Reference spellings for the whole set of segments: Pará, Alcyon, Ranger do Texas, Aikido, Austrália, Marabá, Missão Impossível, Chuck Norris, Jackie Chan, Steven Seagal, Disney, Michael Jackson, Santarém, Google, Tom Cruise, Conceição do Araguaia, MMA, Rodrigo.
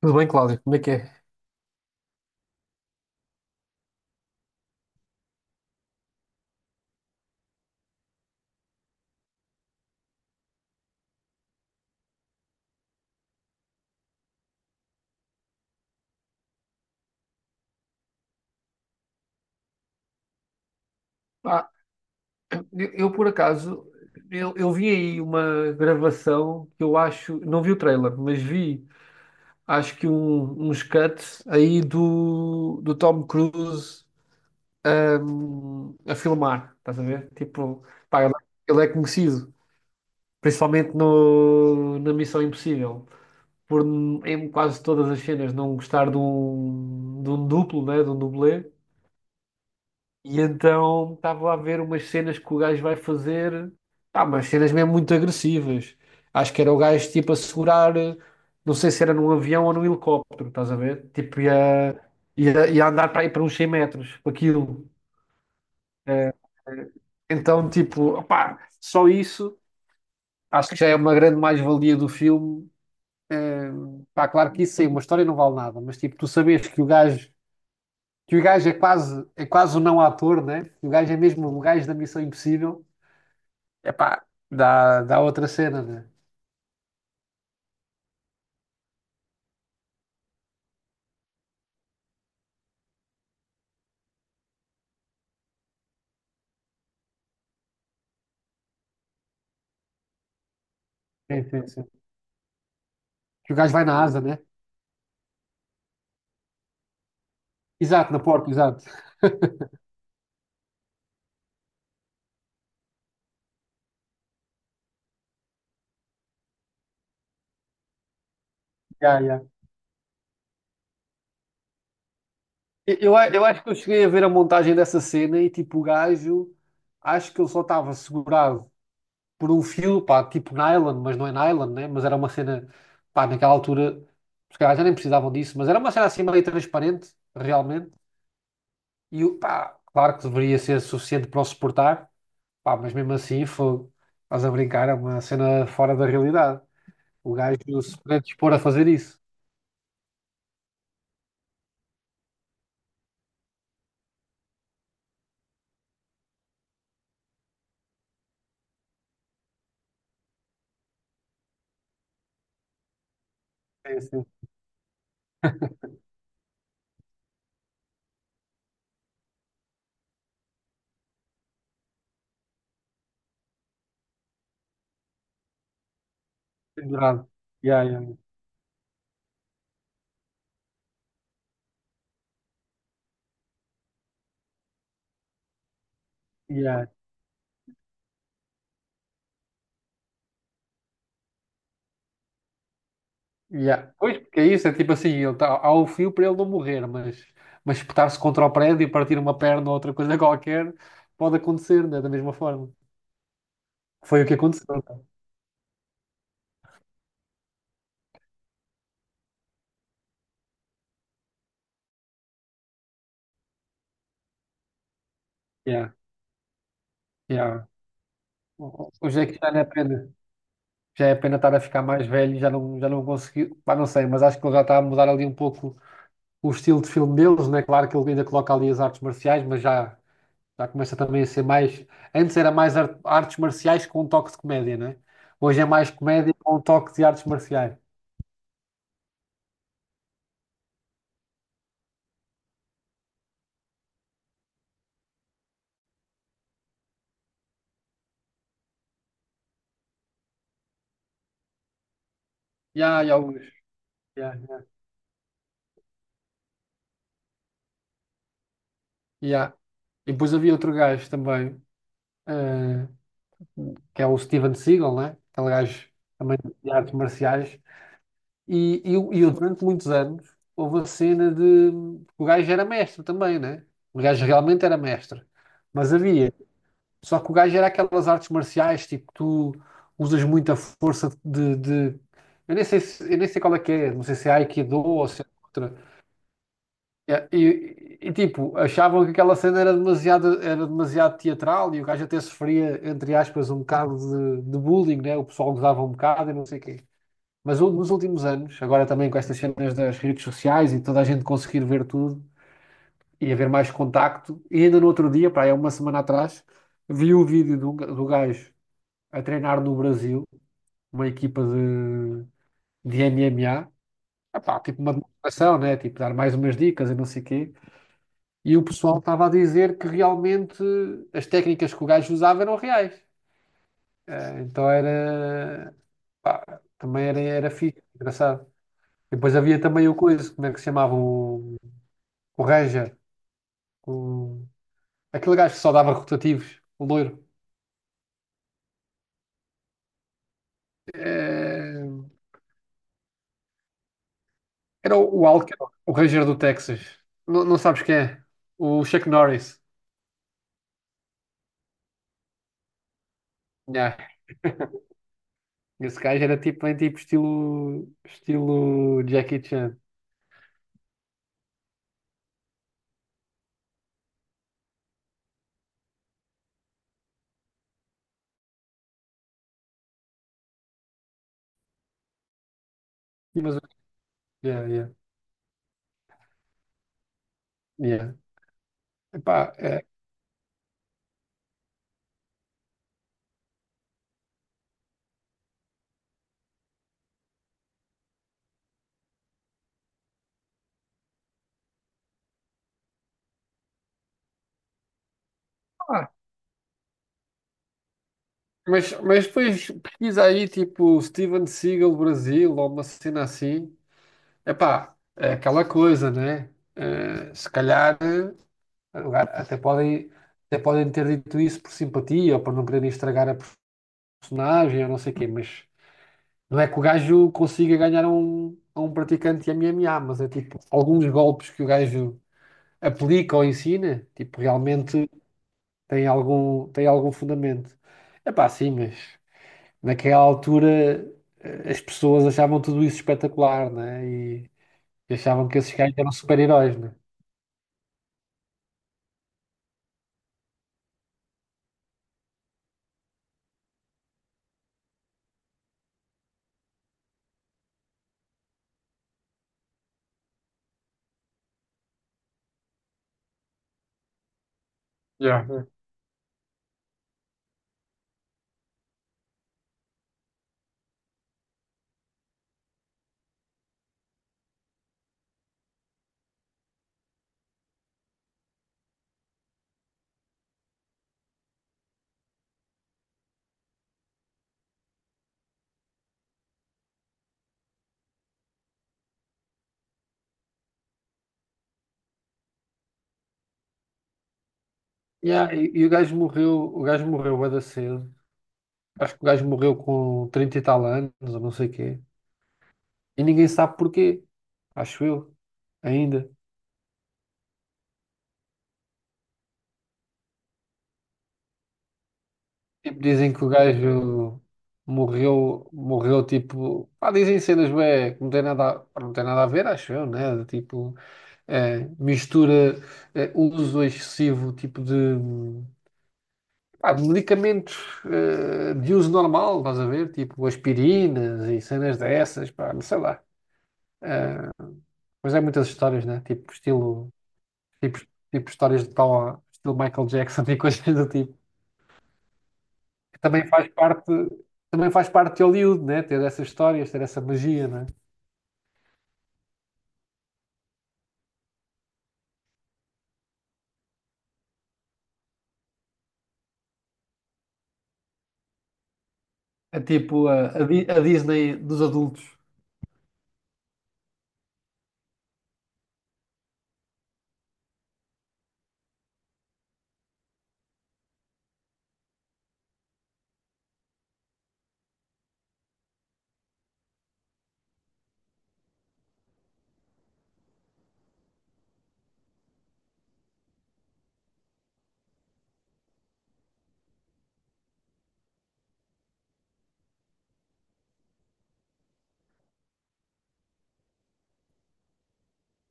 Tudo bem, Cláudio? Como é que é? Ah, eu, por acaso, eu vi aí uma gravação que eu acho, não vi o trailer, mas vi, acho que uns cuts aí do Tom Cruise, a filmar, estás a ver? Tipo, pá, ele é conhecido, principalmente no, na Missão Impossível, por em quase todas as cenas não gostar de um duplo, né, de um dublê. E então estava a ver umas cenas que o gajo vai fazer, pá, umas cenas mesmo muito agressivas. Acho que era o gajo tipo a segurar, não sei se era num avião ou num helicóptero, estás a ver? Tipo, ia, ia andar para aí para uns 100 metros, para aquilo. Eh, eh, Então, tipo, opá, só isso acho que já é uma grande mais-valia do filme. Eh, Pá, claro que isso aí, uma história não vale nada, mas tipo, tu sabes que o gajo é quase o não ator, né? O gajo é mesmo o gajo da Missão Impossível. É pá, dá, dá outra cena, né? Sim, sim, sim. Que o gajo vai na asa, né? Exato, na porta, exato. Yeah, yeah. Eu acho que eu cheguei a ver a montagem dessa cena e tipo, o gajo, acho que ele só estava segurado por um fio, pá, tipo nylon, mas não é nylon, né? Mas era uma cena, pá, naquela altura, os caras já nem precisavam disso, mas era uma cena assim meio transparente, realmente. Pá, claro que deveria ser suficiente para o suportar, pá, mas mesmo assim, foi, estás a brincar, é uma cena fora da realidade. O gajo se predispor a fazer isso. É assim, pendurado. Yeah, yeah, yeah, yeah. Pois, porque é isso, é tipo assim, ele tá, há o fio para ele não morrer, mas espetar-se contra o prédio e partir uma perna ou outra coisa qualquer pode acontecer, né? Da mesma forma. Foi o que aconteceu. Tá? Yeah, yeah. Hoje é que já não é pena. Já é pena estar a ficar mais velho e já não conseguiu. Pá, não sei, mas acho que ele já está a mudar ali um pouco o estilo de filme deles, né? Claro que ele ainda coloca ali as artes marciais, mas já já começa também a ser mais. Antes era mais artes marciais com um toque de comédia, não é? Hoje é mais comédia com um toque de artes marciais. E há Augusto. Já, já. Já. E depois havia outro gajo também, eh, que é o Steven Seagal, né? Aquele gajo também de artes marciais. E eu, durante muitos anos, houve a cena de. O gajo era mestre também, né? O gajo realmente era mestre. Mas havia só que o gajo era aquelas artes marciais, tipo, tu usas muita força de. Eu nem sei qual é que é, não sei se é Aikido ou se é outra. É, e, tipo, achavam que aquela cena era demasiado teatral e o gajo até sofria, entre aspas, um bocado de bullying, né? O pessoal gozava um bocado e não sei o quê. Mas nos últimos anos, agora também com estas cenas das redes sociais e toda a gente conseguir ver tudo e haver mais contacto, e ainda no outro dia, pá, é uma semana atrás, vi o vídeo do gajo a treinar no Brasil, uma equipa de MMA. Epá, tipo uma demonstração, né? Tipo, dar mais umas dicas e não sei o quê. E o pessoal estava a dizer que realmente as técnicas que o gajo usava eram reais. Então era, pá, também era, era fixe, engraçado. Depois havia também o coisa, como é que se chamava? O Ranger, o, aquele gajo que só dava rotativos, o loiro. Eh, Era o Alcyon, o Ranger do Texas. Não, não sabes quem é? O Chuck Norris. Yeah. Esse gajo era tipo, bem tipo estilo Jackie Chan. E, Mas, yeah, yeah, yeah. Epá, é, ah, mas depois pesquisa aí tipo Steven Seagal Brasil ou uma cena assim. Epá, é aquela coisa, né? Se calhar agora até podem ter dito isso por simpatia ou para não quererem estragar a personagem ou não sei o quê, mas não é que o gajo consiga ganhar a um praticante de MMA, mas é tipo, alguns golpes que o gajo aplica ou ensina, tipo, realmente tem algum fundamento. É pá, sim, mas naquela altura, as pessoas achavam tudo isso espetacular, né? E achavam que esses gajos eram super-heróis, né? Yeah, yeah. Yeah, e o gajo morreu bué da cedo. Acho que o gajo morreu com 30 e tal anos, ou não sei o quê. E ninguém sabe porquê, acho eu, ainda. Tipo, dizem que o gajo morreu, morreu tipo. Pá, dizem cenas bué, que não tem nada, pá, não tem nada a ver, acho eu, né? De tipo, mistura, uso excessivo tipo pá, de medicamentos, de uso normal, estás a ver? Tipo aspirinas e cenas dessas, pá, não sei lá. Eh, mas é muitas histórias, né? Tipo, tipo histórias de tal, estilo Michael Jackson e coisas do tipo. Que também faz parte de Hollywood, né? Ter essas histórias, ter essa magia, né? É tipo a Disney dos adultos.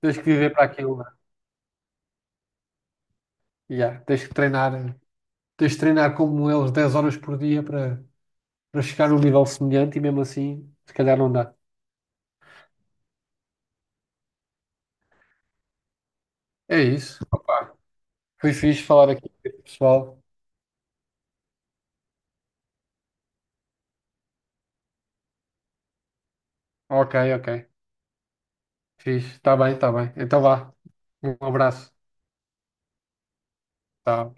Tens que viver para aquilo, né? Yeah, tens que treinar, né? Tens de treinar como eles 10 horas por dia para para chegar num nível semelhante e mesmo assim, se calhar não dá. É isso. Foi fixe falar aqui, com o pessoal. Ok, ok. Fixe. Está bem, está bem. Então vá. Um abraço. Tá.